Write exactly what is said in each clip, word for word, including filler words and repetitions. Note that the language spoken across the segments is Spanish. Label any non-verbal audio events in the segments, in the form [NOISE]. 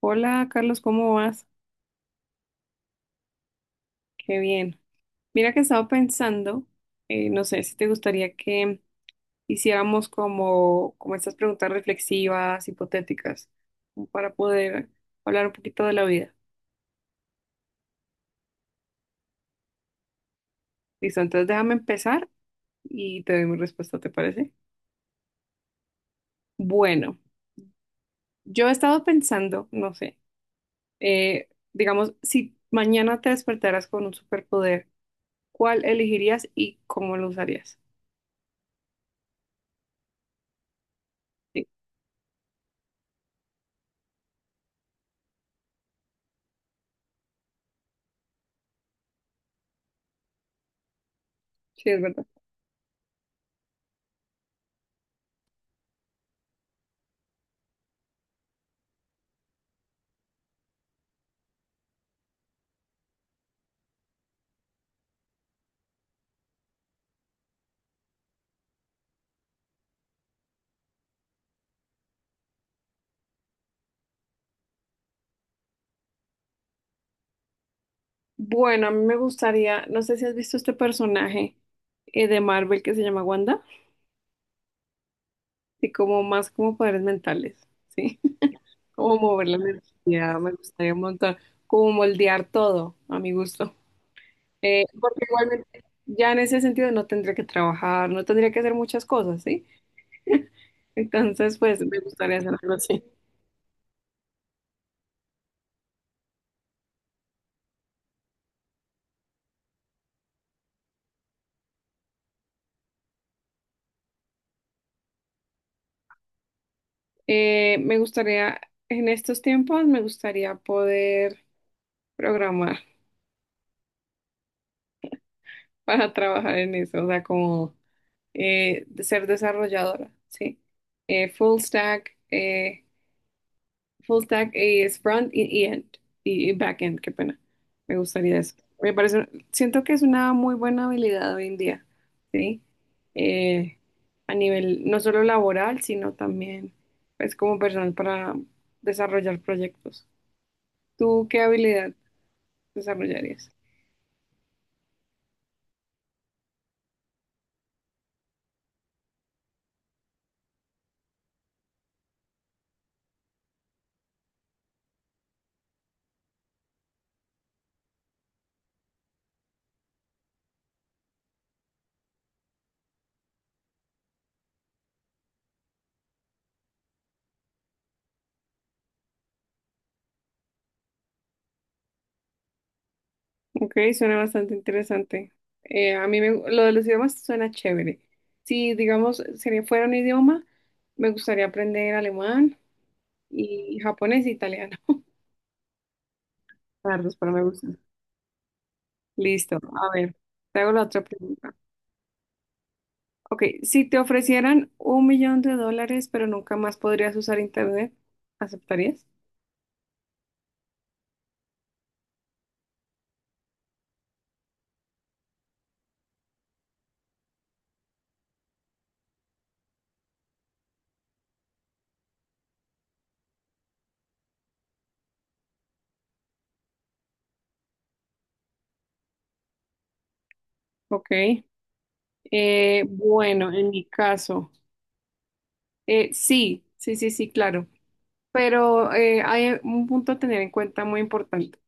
Hola Carlos, ¿cómo vas? Qué bien. Mira que estaba pensando, eh, no sé si te gustaría que hiciéramos como, como estas preguntas reflexivas, hipotéticas, como para poder hablar un poquito de la vida. Listo, entonces déjame empezar y te doy mi respuesta, ¿te parece? Bueno, yo he estado pensando, no sé, eh, digamos, si mañana te despertaras con un superpoder, ¿cuál elegirías y cómo lo usarías? Sí, sí, es verdad. Bueno, a mí me gustaría, no sé si has visto este personaje eh, de Marvel que se llama Wanda, y como más como poderes mentales, ¿sí? [LAUGHS] Como mover la energía, me gustaría un montón, como moldear todo a mi gusto. Eh, porque igualmente ya en ese sentido no tendría que trabajar, no tendría que hacer muchas cosas, ¿sí? Entonces, pues me gustaría hacer algo así. Eh, me gustaría, en estos tiempos, me gustaría poder programar para trabajar en eso, o sea, como... eh, de ser desarrolladora, ¿sí? Eh, full stack, eh, full stack eh, es front y, y end, y, y back end, qué pena. Me gustaría eso. Me parece, siento que es una muy buena habilidad hoy en día, ¿sí? Eh, a nivel no solo laboral, sino también, pues, como personal para desarrollar proyectos. ¿Tú qué habilidad desarrollarías? Ok, suena bastante interesante. Eh, a mí me, lo de los idiomas suena chévere. Si, digamos, sería, fuera un idioma, me gustaría aprender alemán y japonés e italiano. [LAUGHS] Claro, pero me gusta. Listo, a ver, te hago la otra pregunta. Ok, si te ofrecieran un millón de dólares, pero nunca más podrías usar internet, ¿aceptarías? Ok. Eh, bueno, en mi caso, eh, sí, sí, sí, sí, claro. Pero eh, hay un punto a tener en cuenta muy importante.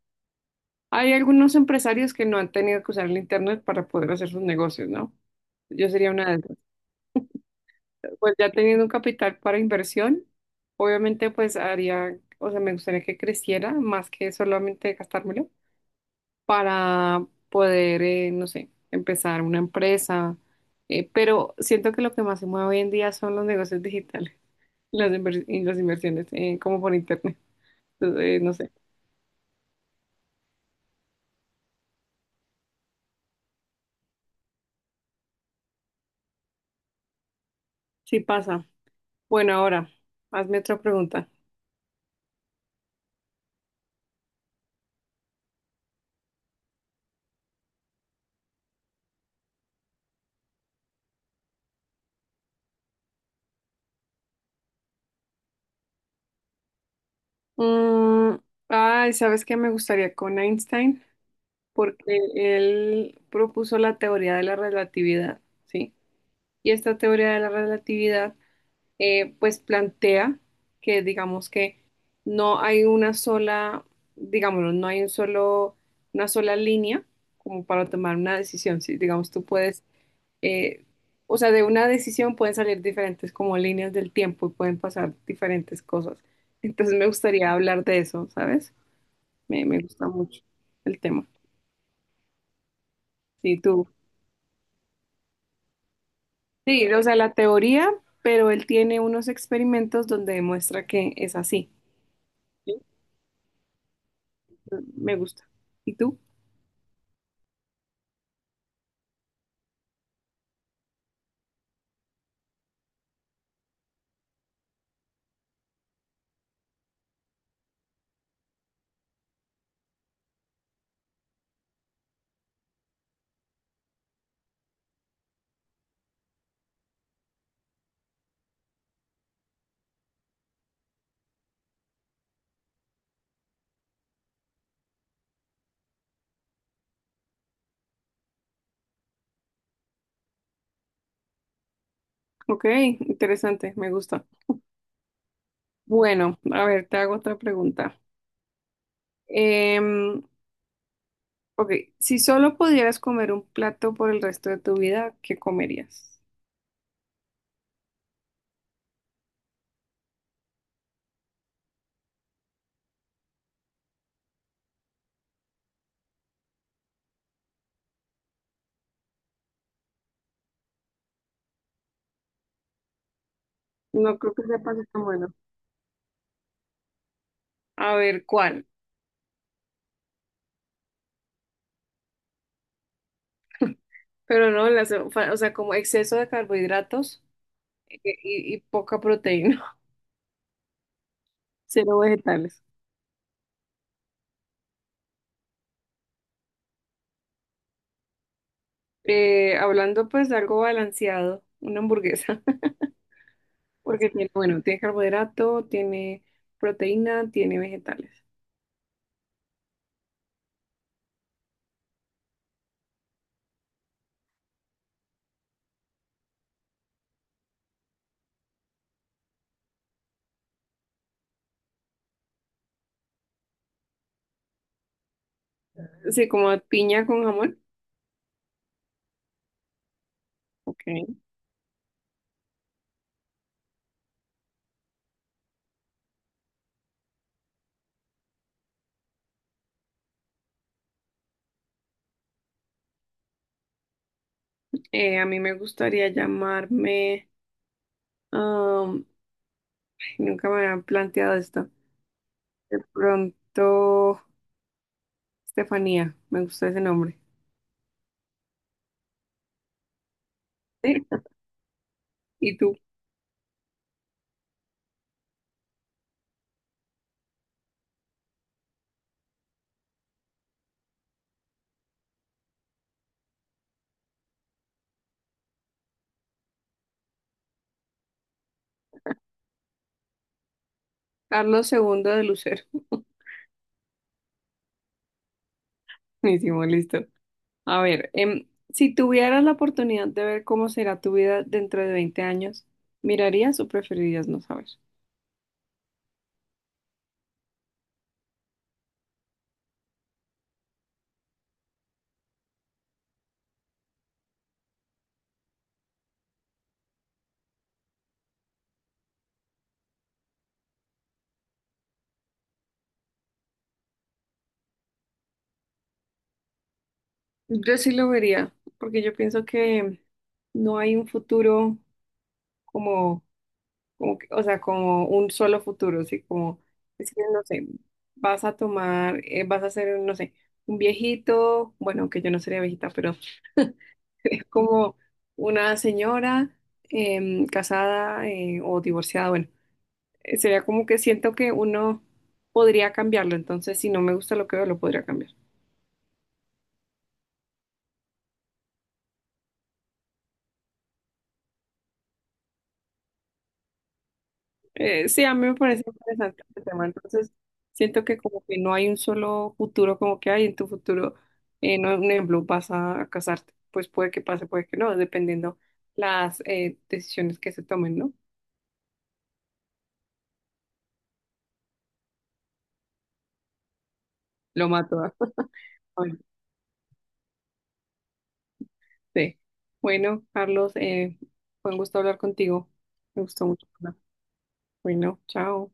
Hay algunos empresarios que no han tenido que usar el internet para poder hacer sus negocios, ¿no? Yo sería una de esas. Pues ya teniendo un capital para inversión, obviamente pues haría, o sea, me gustaría que creciera más que solamente gastármelo para poder, eh, no sé, empezar una empresa. Eh, pero siento que lo que más se mueve hoy en día son los negocios digitales, [LAUGHS] las, inver- y las inversiones, eh, como por internet. Entonces, eh, no sé, sí pasa. Bueno, ahora, hazme otra pregunta. Mm, ay, ¿sabes qué me gustaría con Einstein? Porque él propuso la teoría de la relatividad, ¿sí? Y esta teoría de la relatividad, eh, pues plantea que, digamos que no hay una sola, digámoslo, no hay un solo, una sola línea como para tomar una decisión, ¿sí? Digamos, tú puedes, eh, o sea, de una decisión pueden salir diferentes como líneas del tiempo y pueden pasar diferentes cosas. Entonces me gustaría hablar de eso, ¿sabes? Me, me gusta mucho el tema. Sí, tú. Sí, o sea, la teoría, pero él tiene unos experimentos donde demuestra que es así. Sí. Me gusta. ¿Y tú? Ok, interesante, me gusta. Bueno, a ver, te hago otra pregunta. Em, ok, si solo pudieras comer un plato por el resto de tu vida, ¿qué comerías? No creo que sepas está bueno. A ver, ¿cuál? Pero no, las- o sea, como exceso de carbohidratos eh, y, y poca proteína, [LAUGHS] cero vegetales. Eh, hablando pues de algo balanceado, una hamburguesa, [LAUGHS] porque tiene, bueno, tiene carbohidrato, tiene proteína, tiene vegetales. Sí, como piña con jamón. Ok. Eh, a mí me gustaría llamarme, am, ay, nunca me habían planteado esto. De pronto, Estefanía, me gusta ese nombre. Sí. ¿Y tú? Carlos segundo de Lucero. [LAUGHS] Buenísimo, listo. A ver, em, si tuvieras la oportunidad de ver cómo será tu vida dentro de veinte años, ¿mirarías o preferirías no saber? Yo sí lo vería, porque yo pienso que no hay un futuro como, como que- o sea, como un solo futuro, así como, es que, no sé, vas a tomar, eh, vas a ser, no sé, un viejito, bueno, que yo no sería viejita, pero [LAUGHS] sería como una señora em, casada eh, o divorciada, bueno. eh, sería como que siento que uno podría cambiarlo, entonces si no me gusta lo que veo, lo podría cambiar. Eh, sí, a mí me parece interesante este tema, entonces siento que como que no hay un solo futuro, como que hay en tu futuro, eh, no, un ejemplo, vas a casarte, pues puede que pase, puede que no, dependiendo las eh, decisiones que se tomen, ¿no? Lo mato. ¿Ah? Pues, Bueno, sí. Bueno, Carlos, eh, fue un gusto hablar contigo, me gustó mucho. Bueno, chao.